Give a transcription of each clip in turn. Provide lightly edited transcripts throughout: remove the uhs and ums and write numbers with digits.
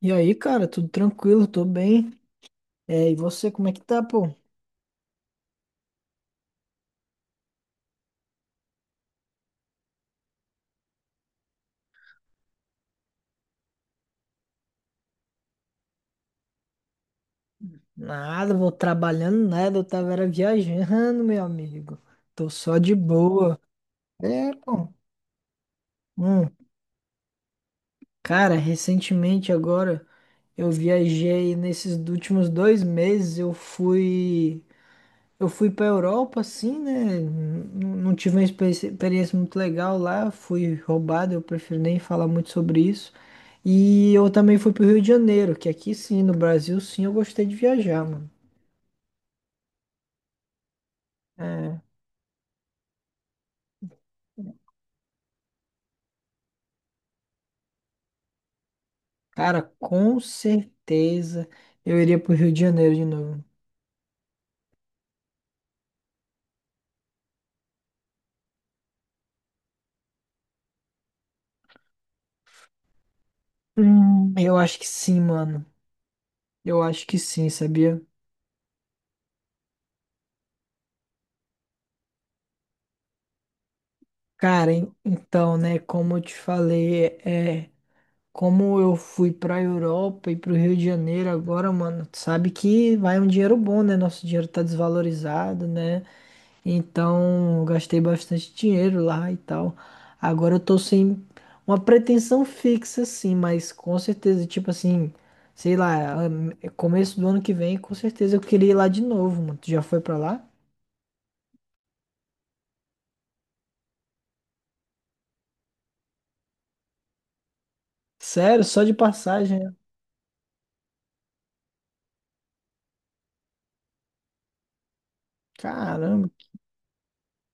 E aí, cara, tudo tranquilo, tô bem. É, e você, como é que tá, pô? Nada, vou trabalhando nada, eu tava era viajando, meu amigo. Tô só de boa. É, pô. Hum, cara, recentemente agora eu viajei nesses últimos 2 meses, eu fui pra Europa, assim, né? Não, não tive uma experiência muito legal lá, fui roubado, eu prefiro nem falar muito sobre isso. E eu também fui pro Rio de Janeiro, que aqui sim, no Brasil, sim, eu gostei de viajar, mano. É, cara, com certeza eu iria pro Rio de Janeiro de novo. Eu acho que sim, mano. Eu acho que sim, sabia? Cara, então, né, como eu te falei, é. Como eu fui pra Europa e pro Rio de Janeiro agora, mano, tu sabe que vai um dinheiro bom, né? Nosso dinheiro tá desvalorizado, né? Então, eu gastei bastante dinheiro lá e tal. Agora eu tô sem uma pretensão fixa, assim, mas com certeza, tipo assim, sei lá, começo do ano que vem, com certeza eu queria ir lá de novo, mano. Tu já foi pra lá? Sério, só de passagem, né? Caramba,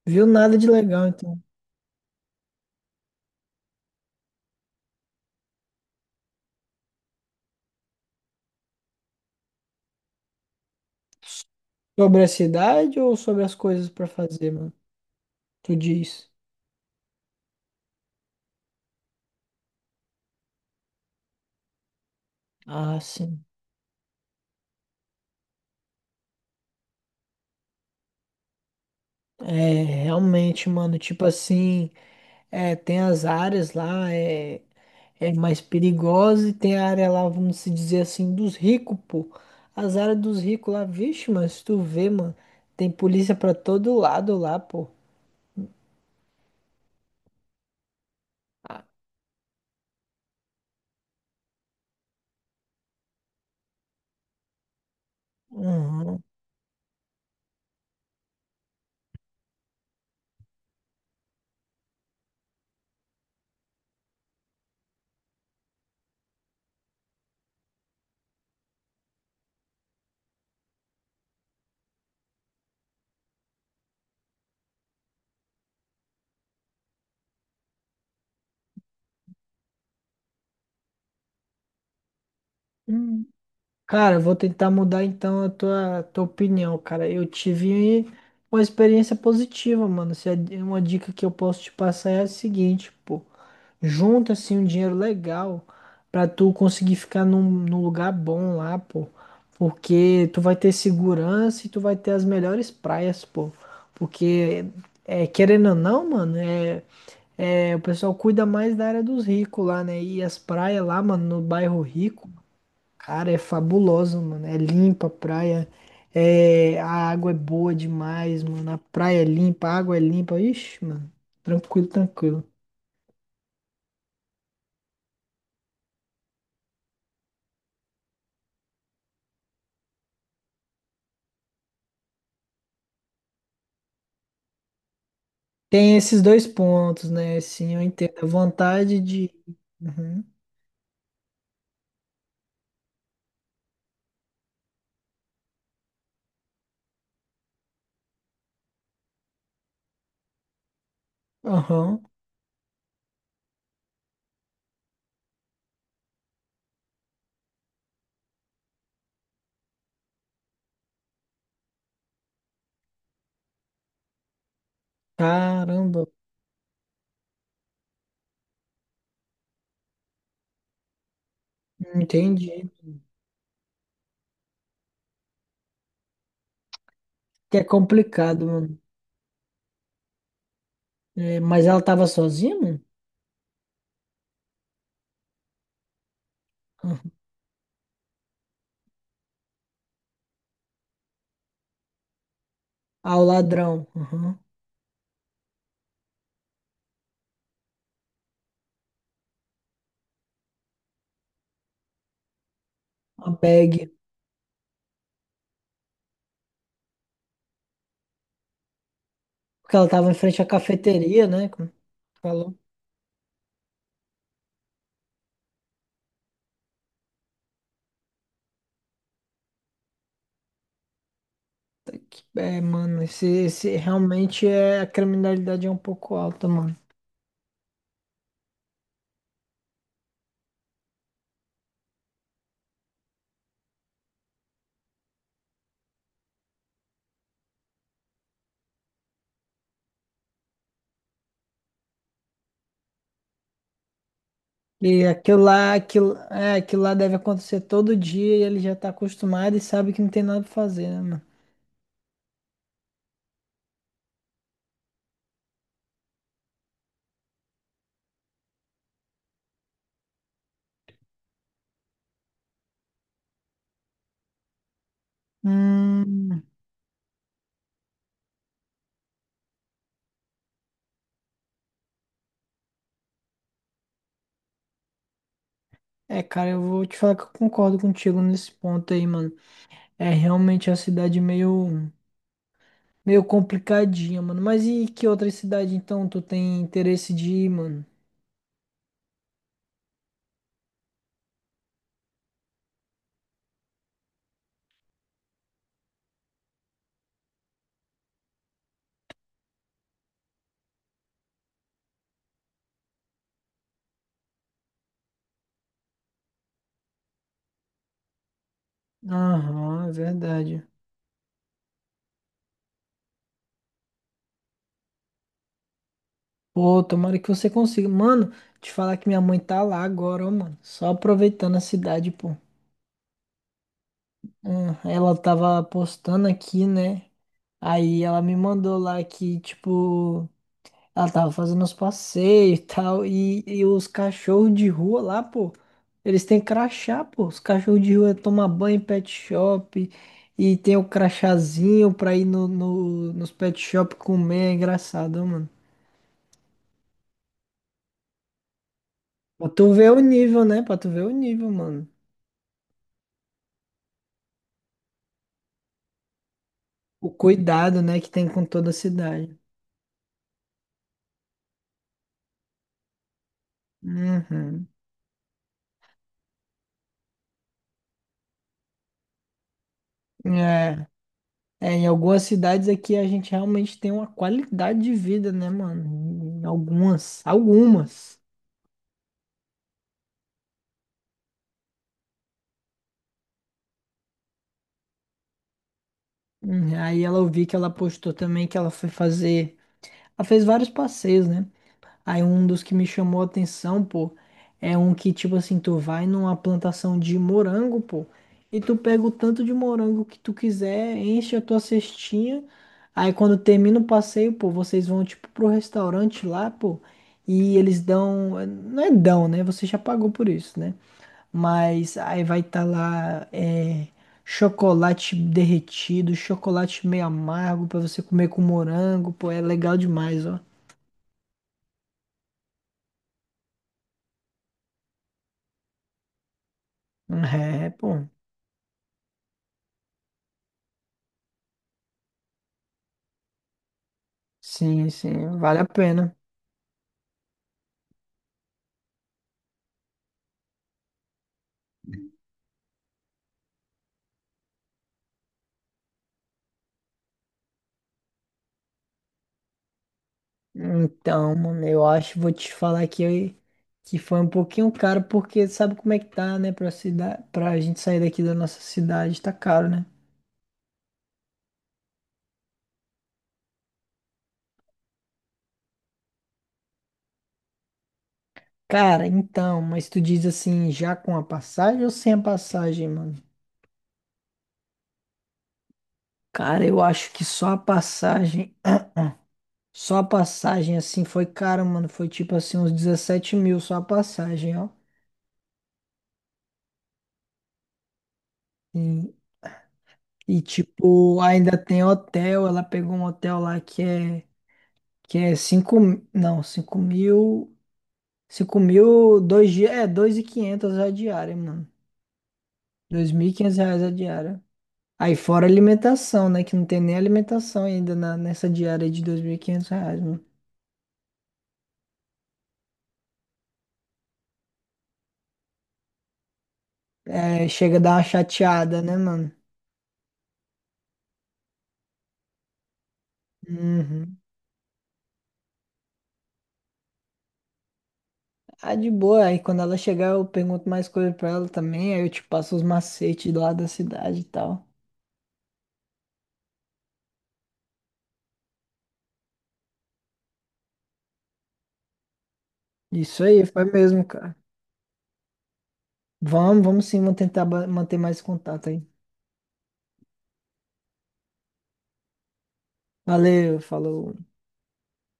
viu nada de legal, então. Sobre a cidade ou sobre as coisas pra fazer, mano? Tu diz. Ah, sim. É, realmente, mano, tipo assim, é, tem as áreas lá, é mais perigosa e tem a área lá, vamos se dizer assim, dos ricos, pô. As áreas dos ricos lá, vixe, mano, se tu vê, mano, tem polícia pra todo lado lá, pô. Ah, uhum. Hum. Cara, eu vou tentar mudar então a tua opinião, cara. Eu tive uma experiência positiva, mano. Se é uma dica que eu posso te passar é a seguinte, pô. Junta assim um dinheiro legal pra tu conseguir ficar num lugar bom lá, pô. Porque tu vai ter segurança e tu vai ter as melhores praias, pô. Porque, é, querendo ou não, mano, é, o pessoal cuida mais da área dos ricos lá, né? E as praias lá, mano, no bairro rico, cara, é fabuloso, mano. É limpa a praia, é, a água é boa demais, mano. A praia é limpa, a água é limpa. Ixi, mano, tranquilo, tranquilo. Tem esses dois pontos, né? Assim, eu entendo. A vontade de. Uhum. Aham. Caramba. Entendi. Que é complicado, mano. É, mas ela tava sozinha, mano? Ah, Ah, o ladrão. Aham. A bag. Porque ela tava em frente à cafeteria, né? Como tu falou. É, mano, esse realmente é. A criminalidade é um pouco alta, mano. E aquilo lá deve acontecer todo dia e ele já tá acostumado e sabe que não tem nada pra fazer, né, mano? Hum. É, cara, eu vou te falar que eu concordo contigo nesse ponto aí, mano. É realmente a cidade meio complicadinha, mano. Mas e que outra cidade, então, tu tem interesse de ir, mano? Aham, é verdade. Pô, tomara que você consiga. Mano, te falar que minha mãe tá lá agora, ó, mano. Só aproveitando a cidade, pô. Ela tava postando aqui, né? Aí ela me mandou lá que, tipo. Ela tava fazendo os passeios e tal. E os cachorros de rua lá, pô, eles têm crachá, pô. Os cachorros de rua tomam banho em pet shop. E tem o crachazinho pra ir nos pet shop comer. É engraçado, ó, mano. Pra tu ver o nível, né? Pra tu ver o nível, mano. O cuidado, né, que tem com toda a cidade. Uhum. É. É, em algumas cidades aqui a gente realmente tem uma qualidade de vida, né, mano? Em algumas. Aí ela ouvi que ela postou também que ela foi fazer. Ela fez vários passeios, né? Aí um dos que me chamou a atenção, pô, é um que, tipo assim, tu vai numa plantação de morango, pô, e tu pega o tanto de morango que tu quiser, enche a tua cestinha. Aí quando termina o passeio, pô, vocês vão, tipo, pro restaurante lá, pô, e eles dão. Não é dão, né? Você já pagou por isso, né? Mas aí vai estar lá é, chocolate derretido, chocolate meio amargo pra você comer com morango, pô, é legal demais, ó. É, pô. Sim, sim, vale a pena. Então, mano, eu acho, vou te falar que foi um pouquinho caro, porque sabe como é que tá, né? Pra gente sair daqui da nossa cidade, tá caro, né? Cara, então, mas tu diz assim, já com a passagem ou sem a passagem, mano? Cara, eu acho que só a passagem. Só a passagem, assim, foi cara, mano. Foi tipo assim, uns 17 mil só a passagem, ó. E, e, tipo, ainda tem hotel. Ela pegou um hotel lá que é 5 não, cinco mil, 2 dias, é, 2.500 a diária, mano. R$ 2.500 a diária. Aí fora alimentação, né? Que não tem nem alimentação ainda nessa diária de R$ 2.500, mano. É, chega a dar uma chateada, né, mano? Uhum. Ah, de boa. Aí quando ela chegar, eu pergunto mais coisa pra ela também. Aí eu te passo os macetes lá da cidade e tal. Isso aí, foi mesmo, cara. Vamos, vamos sim, vamos tentar manter mais contato aí. Valeu, falou.